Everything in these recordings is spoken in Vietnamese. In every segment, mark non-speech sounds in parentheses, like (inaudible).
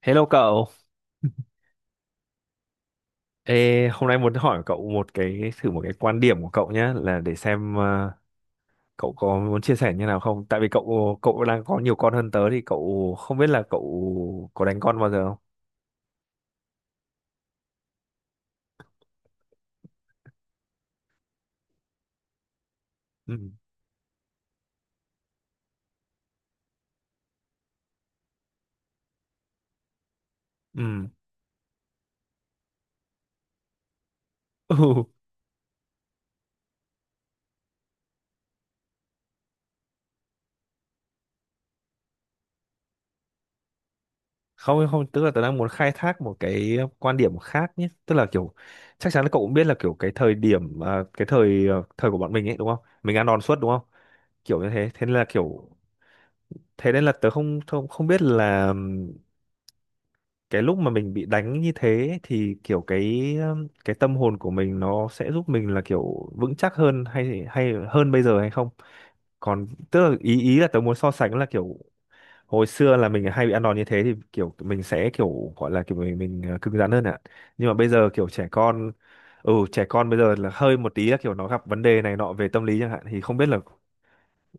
Hello cậu. Ê, hôm nay muốn hỏi cậu một cái quan điểm của cậu nhé, là để xem cậu có muốn chia sẻ như nào không? Tại vì cậu cậu đang có nhiều con hơn tớ thì cậu không biết là cậu có đánh con bao giờ không? Ừ. Ừ. (laughs) Ừ. Không, không, tức là tớ đang muốn khai thác một cái quan điểm khác nhé, tức là kiểu chắc chắn là cậu cũng biết là kiểu cái thời điểm à, cái thời ờ, thời của bọn mình ấy đúng không? Mình ăn đòn suốt đúng không? Kiểu như thế, thế nên là kiểu thế nên là tớ không không không biết là cái lúc mà mình bị đánh như thế thì kiểu cái tâm hồn của mình nó sẽ giúp mình là kiểu vững chắc hơn hay hay hơn bây giờ hay không, còn tức là ý ý là tớ muốn so sánh là kiểu hồi xưa là mình hay bị ăn đòn như thế thì kiểu mình sẽ kiểu gọi là kiểu mình cứng rắn hơn ạ, nhưng mà bây giờ kiểu trẻ con, trẻ con bây giờ là hơi một tí là kiểu nó gặp vấn đề này nọ về tâm lý chẳng hạn, thì không biết là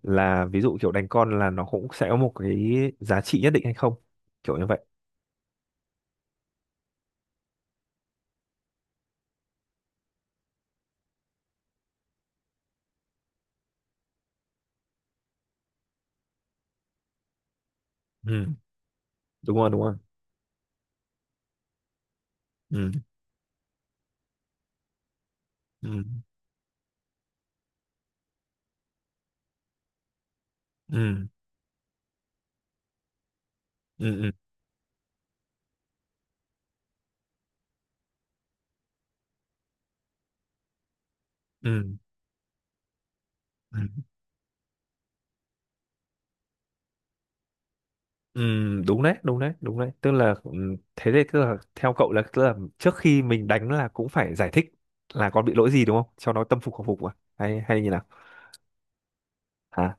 ví dụ kiểu đánh con là nó cũng sẽ có một cái giá trị nhất định hay không, kiểu như vậy. Ừ, đúng rồi, đúng rồi. Ừ. Ừ. Ừ. Ừ. Ừ. Ừ. Ừ. Ừ, đúng đấy, đúng đấy, đúng đấy, tức là ừ, thế thì tức là theo cậu là tức là trước khi mình đánh là cũng phải giải thích là con bị lỗi gì đúng không, cho nó tâm phục khẩu phục à, hay hay như nào hả?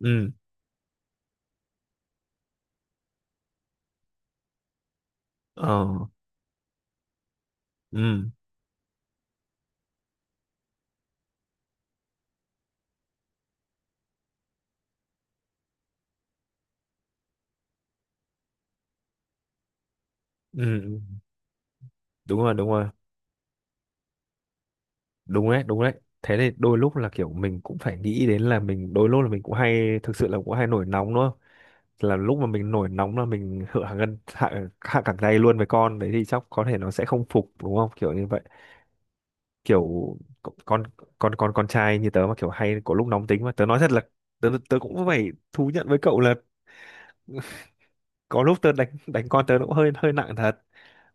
Ừ. Ờ. Ừ. Ừ. Ừ. Đúng rồi, đúng rồi. Đúng đấy, đúng đấy. Thế thì đôi lúc là kiểu mình cũng phải nghĩ đến là mình đôi lúc là mình cũng hay thực sự là cũng hay nổi nóng đúng không, là lúc mà mình nổi nóng là mình hạ gân, hạ, hạ cẳng tay luôn với con đấy, thì chắc có thể nó sẽ không phục đúng không, kiểu như vậy, kiểu con con con trai như tớ mà kiểu hay có lúc nóng tính, mà tớ nói thật là tớ tớ cũng phải thú nhận với cậu là (laughs) có lúc tớ đánh đánh con tớ nó cũng hơi hơi nặng thật,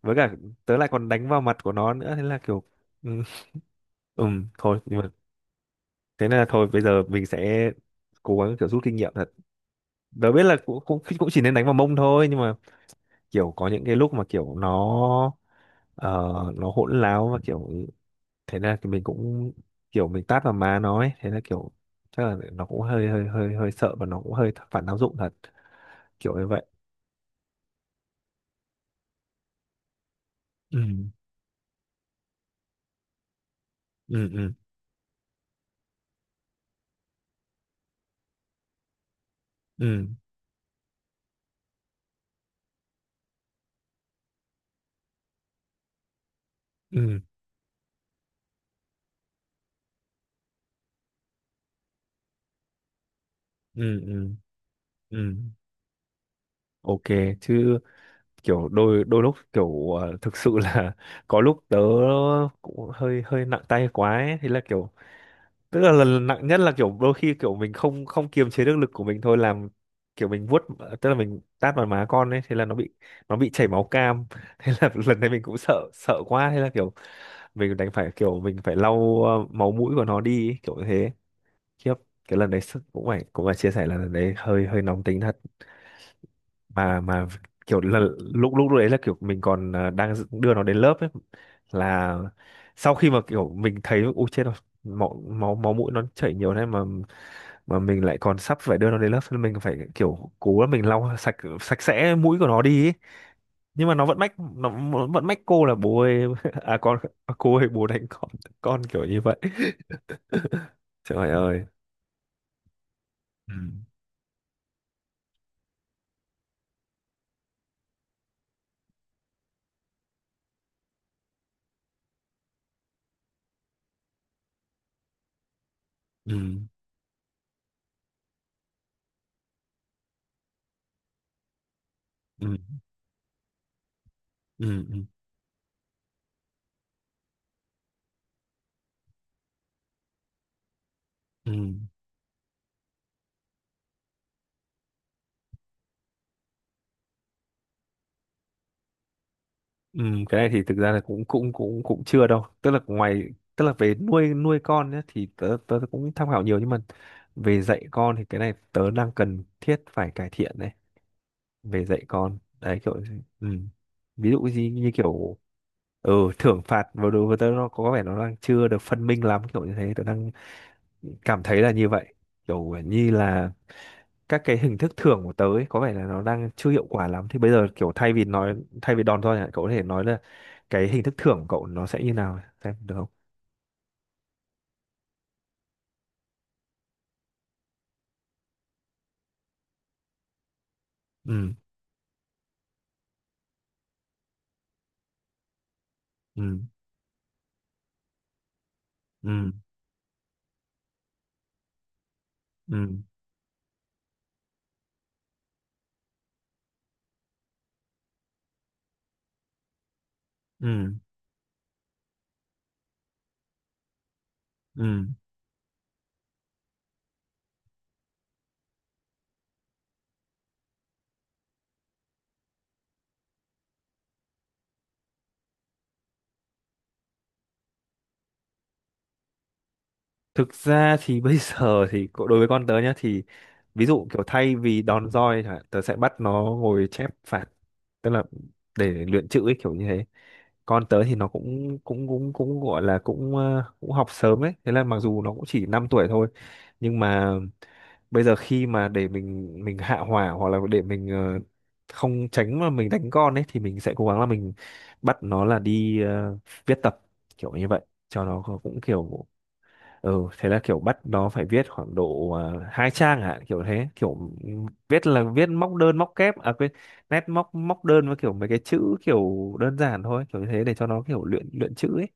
với cả tớ lại còn đánh vào mặt của nó nữa, thế là kiểu ừ, (laughs) thôi nhưng mà thế nên là thôi bây giờ mình sẽ cố gắng kiểu rút kinh nghiệm thật. Tớ biết là cũng cũng cũng chỉ nên đánh vào mông thôi, nhưng mà kiểu có những cái lúc mà kiểu nó nó hỗn láo và kiểu thế là thì mình cũng kiểu mình tát vào má nó ấy, thế là kiểu chắc là nó cũng hơi hơi hơi hơi sợ và nó cũng hơi phản tác dụng thật, kiểu như vậy. Ừ. Ừ. Ừ. Ừ. Ừ. Ừ. Ừ. Ừ. OK chứ, kiểu đôi đôi lúc kiểu thực sự là (laughs) có lúc tớ cũng hơi hơi nặng tay quá ấy. Thế là kiểu tức là lần nặng nhất là kiểu đôi khi kiểu mình không không kiềm chế được lực của mình thôi, làm kiểu mình vuốt, tức là mình tát vào má con ấy, thế là nó bị, nó bị chảy máu cam. (laughs) Thế là lần này mình cũng sợ sợ quá, thế là kiểu mình đành phải kiểu mình phải lau máu mũi của nó đi ấy, kiểu như thế. Khiếp, cái lần đấy cũng phải chia sẻ là lần đấy hơi hơi nóng tính thật. Mà kiểu là lúc, lúc đấy là kiểu mình còn đang đưa nó đến lớp ấy, là sau khi mà kiểu mình thấy ui chết rồi, máu máu máu mũi nó chảy nhiều thế, mà mình lại còn sắp phải đưa nó đến lớp nên mình phải kiểu cố là mình lau sạch sạch sẽ mũi của nó đi ấy. Nhưng mà nó vẫn mách, nó vẫn mách cô là bố ơi, (laughs) à con, cô ơi bố đánh con, kiểu như vậy. (laughs) Trời ơi. Ừ. Ừ. Ừ. Ừ. Ừ. Ừ. Ừ. Cái này thì thực ra là cũng cũng cũng cũng chưa đâu, tức là ngoài tức là về nuôi nuôi con nhá, thì tớ, tớ cũng tham khảo nhiều, nhưng mà về dạy con thì cái này tớ đang cần thiết phải cải thiện đấy, về dạy con đấy kiểu ừ, ví dụ gì như kiểu ừ, thưởng phạt vào đối với tớ nó có vẻ nó đang chưa được phân minh lắm, kiểu như thế tớ đang cảm thấy là như vậy, kiểu như là các cái hình thức thưởng của tớ ấy, có vẻ là nó đang chưa hiệu quả lắm, thì bây giờ kiểu thay vì nói thay vì đòn roi này, cậu có thể nói là cái hình thức thưởng của cậu nó sẽ như nào xem được không? Ừ. Ừ. Ừ. Ừ. Ừ. Ừ. Thực ra thì (laughs) bây giờ thì đối với con tớ nhá thì ví dụ kiểu thay vì đòn roi chẳng hạn, tớ sẽ bắt nó ngồi chép phạt, tức là để luyện chữ ấy, kiểu như thế. Con tớ thì nó cũng cũng gọi là cũng cũng học sớm ấy, thế là mặc dù nó cũng chỉ 5 tuổi thôi, nhưng mà bây giờ khi mà để mình hạ hỏa hoặc là để mình không tránh mà mình đánh con ấy, thì mình sẽ cố gắng là mình bắt nó là đi viết tập, kiểu như vậy, cho nó cũng kiểu ừ, thế là kiểu bắt nó phải viết khoảng độ 2 trang hả, kiểu thế, kiểu viết là viết móc đơn móc kép à quên, nét móc móc đơn với kiểu mấy cái chữ kiểu đơn giản thôi, kiểu như thế để cho nó kiểu luyện luyện chữ ấy,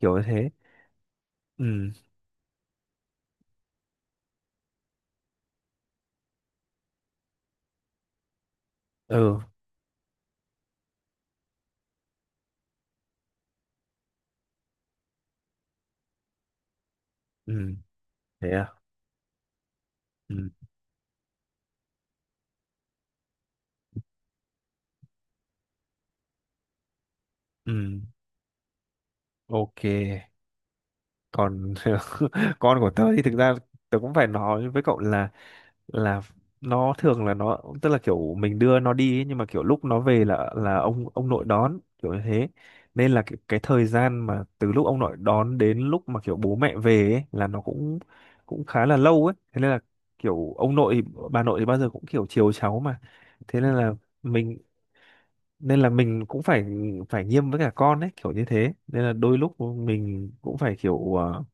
kiểu như thế. Ừ. Ừ. Ừ. Thế à? Ừ. Ừ. OK, còn (laughs) con của tớ thì thực ra tớ cũng phải nói với cậu là nó thường là nó, tức là kiểu mình đưa nó đi ấy, nhưng mà kiểu lúc nó về là ông nội đón, kiểu như thế, nên là cái thời gian mà từ lúc ông nội đón đến lúc mà kiểu bố mẹ về ấy, là nó cũng cũng khá là lâu ấy, thế nên là kiểu bà nội thì bao giờ cũng kiểu chiều cháu mà, thế nên là mình nên là mình cũng phải phải nghiêm với cả con ấy, kiểu như thế, nên là đôi lúc mình cũng phải kiểu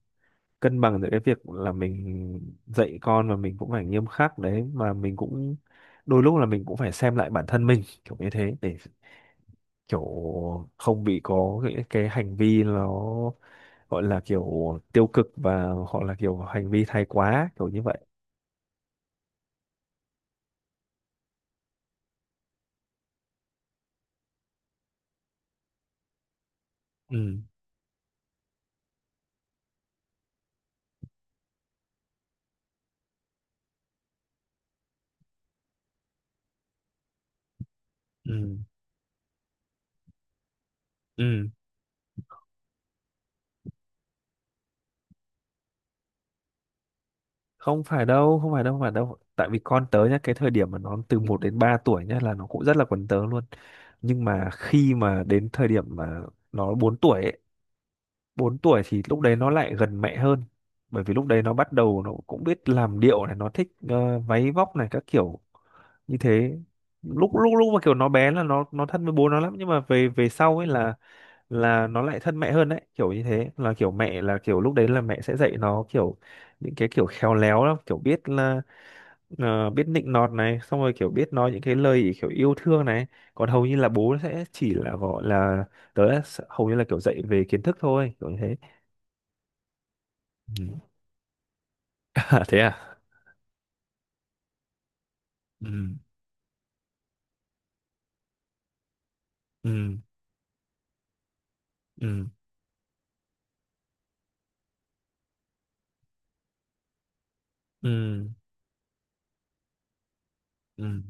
cân bằng giữa cái việc là mình dạy con và mình cũng phải nghiêm khắc đấy, mà mình cũng đôi lúc là mình cũng phải xem lại bản thân mình kiểu như thế, để kiểu không bị có cái hành vi nó gọi là kiểu tiêu cực và hoặc là kiểu hành vi thái quá, kiểu như vậy. Ừ. Ừ. Ừ. Không phải đâu, không phải đâu, không phải đâu, tại vì con tớ nhá, cái thời điểm mà nó từ 1 đến 3 tuổi nhá là nó cũng rất là quấn tớ luôn, nhưng mà khi mà đến thời điểm mà nó 4 tuổi ấy, 4 tuổi thì lúc đấy nó lại gần mẹ hơn, bởi vì lúc đấy nó bắt đầu nó cũng biết làm điệu này, nó thích váy vóc này các kiểu như thế. Lúc lúc Lúc mà kiểu nó bé là nó thân với bố nó lắm, nhưng mà về về sau ấy là nó lại thân mẹ hơn đấy, kiểu như thế là kiểu mẹ là kiểu lúc đấy là mẹ sẽ dạy nó kiểu những cái kiểu khéo léo lắm, kiểu biết là biết nịnh nọt này, xong rồi kiểu biết nói những cái lời kiểu yêu thương này, còn hầu như là bố sẽ chỉ là gọi là tớ hầu như là kiểu dạy về kiến thức thôi, kiểu như thế. Ừ. (laughs) À, thế à? Ừ. Ừ. Ừ. Ừ. Ừ.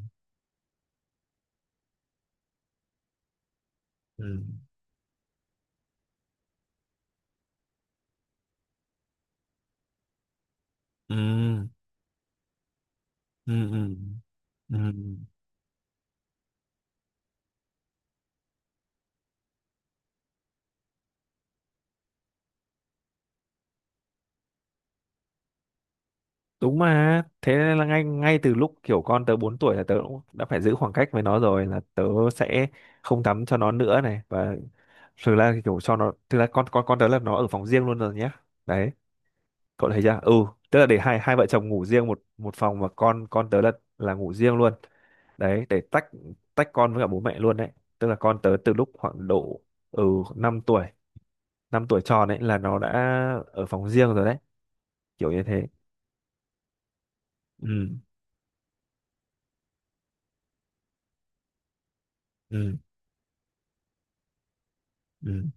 Ừ. Ừ. Ừ. Ừ. Ừ. Đúng mà. Thế nên là ngay ngay từ lúc kiểu con tớ 4 tuổi là tớ cũng đã phải giữ khoảng cách với nó rồi, là tớ sẽ không tắm cho nó nữa này, và thực ra thì kiểu cho nó thực ra con tớ là nó ở phòng riêng luôn rồi nhé. Đấy. Cậu thấy chưa, ừ, tức là để hai hai vợ chồng ngủ riêng một một phòng, và con tớ là ngủ riêng luôn đấy, để tách, tách con với cả bố mẹ luôn đấy, tức là con tớ từ lúc khoảng độ ừ 5 tuổi, 5 tuổi tròn ấy là nó đã ở phòng riêng rồi đấy, kiểu như thế. Ừ. Ừ. Ừ.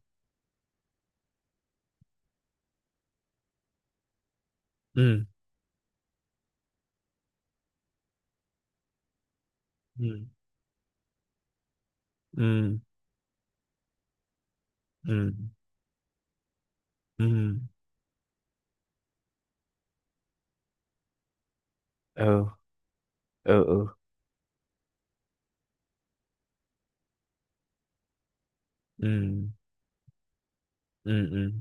Ừ. Ừ. Ừ. Ừ. Ừ. Ừ. Ừ. Ừ. Ừ. Ừ. Ừ. Ừ, ừ, ừ, ừ.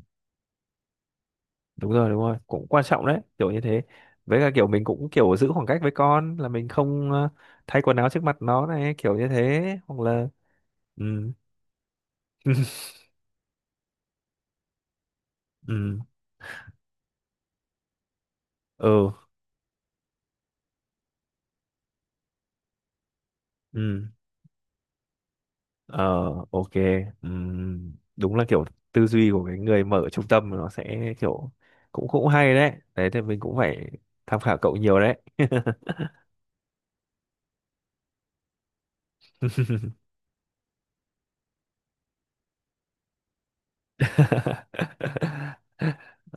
Đúng rồi, đúng rồi, cũng quan trọng đấy, kiểu như thế, với cả kiểu mình cũng kiểu giữ khoảng cách với con, là mình không thay quần áo trước mặt nó này, kiểu như thế, hoặc là ừ. (laughs) Ừ. Ừ. Ừ. Ờ, OK. Ừ. Đúng là kiểu tư duy của cái người mở trung tâm nó sẽ kiểu cũng cũng hay đấy đấy, thì mình cũng phải tham khảo cậu nhiều đấy. (laughs)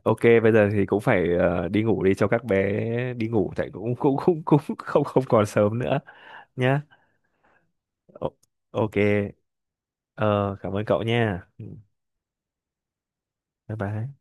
OK, bây giờ thì cũng phải đi ngủ đi, cho các bé đi ngủ, tại cũng cũng không không còn sớm nữa nhá. O- OK. Ờ, cảm ơn cậu nha. Ừ, bye bye.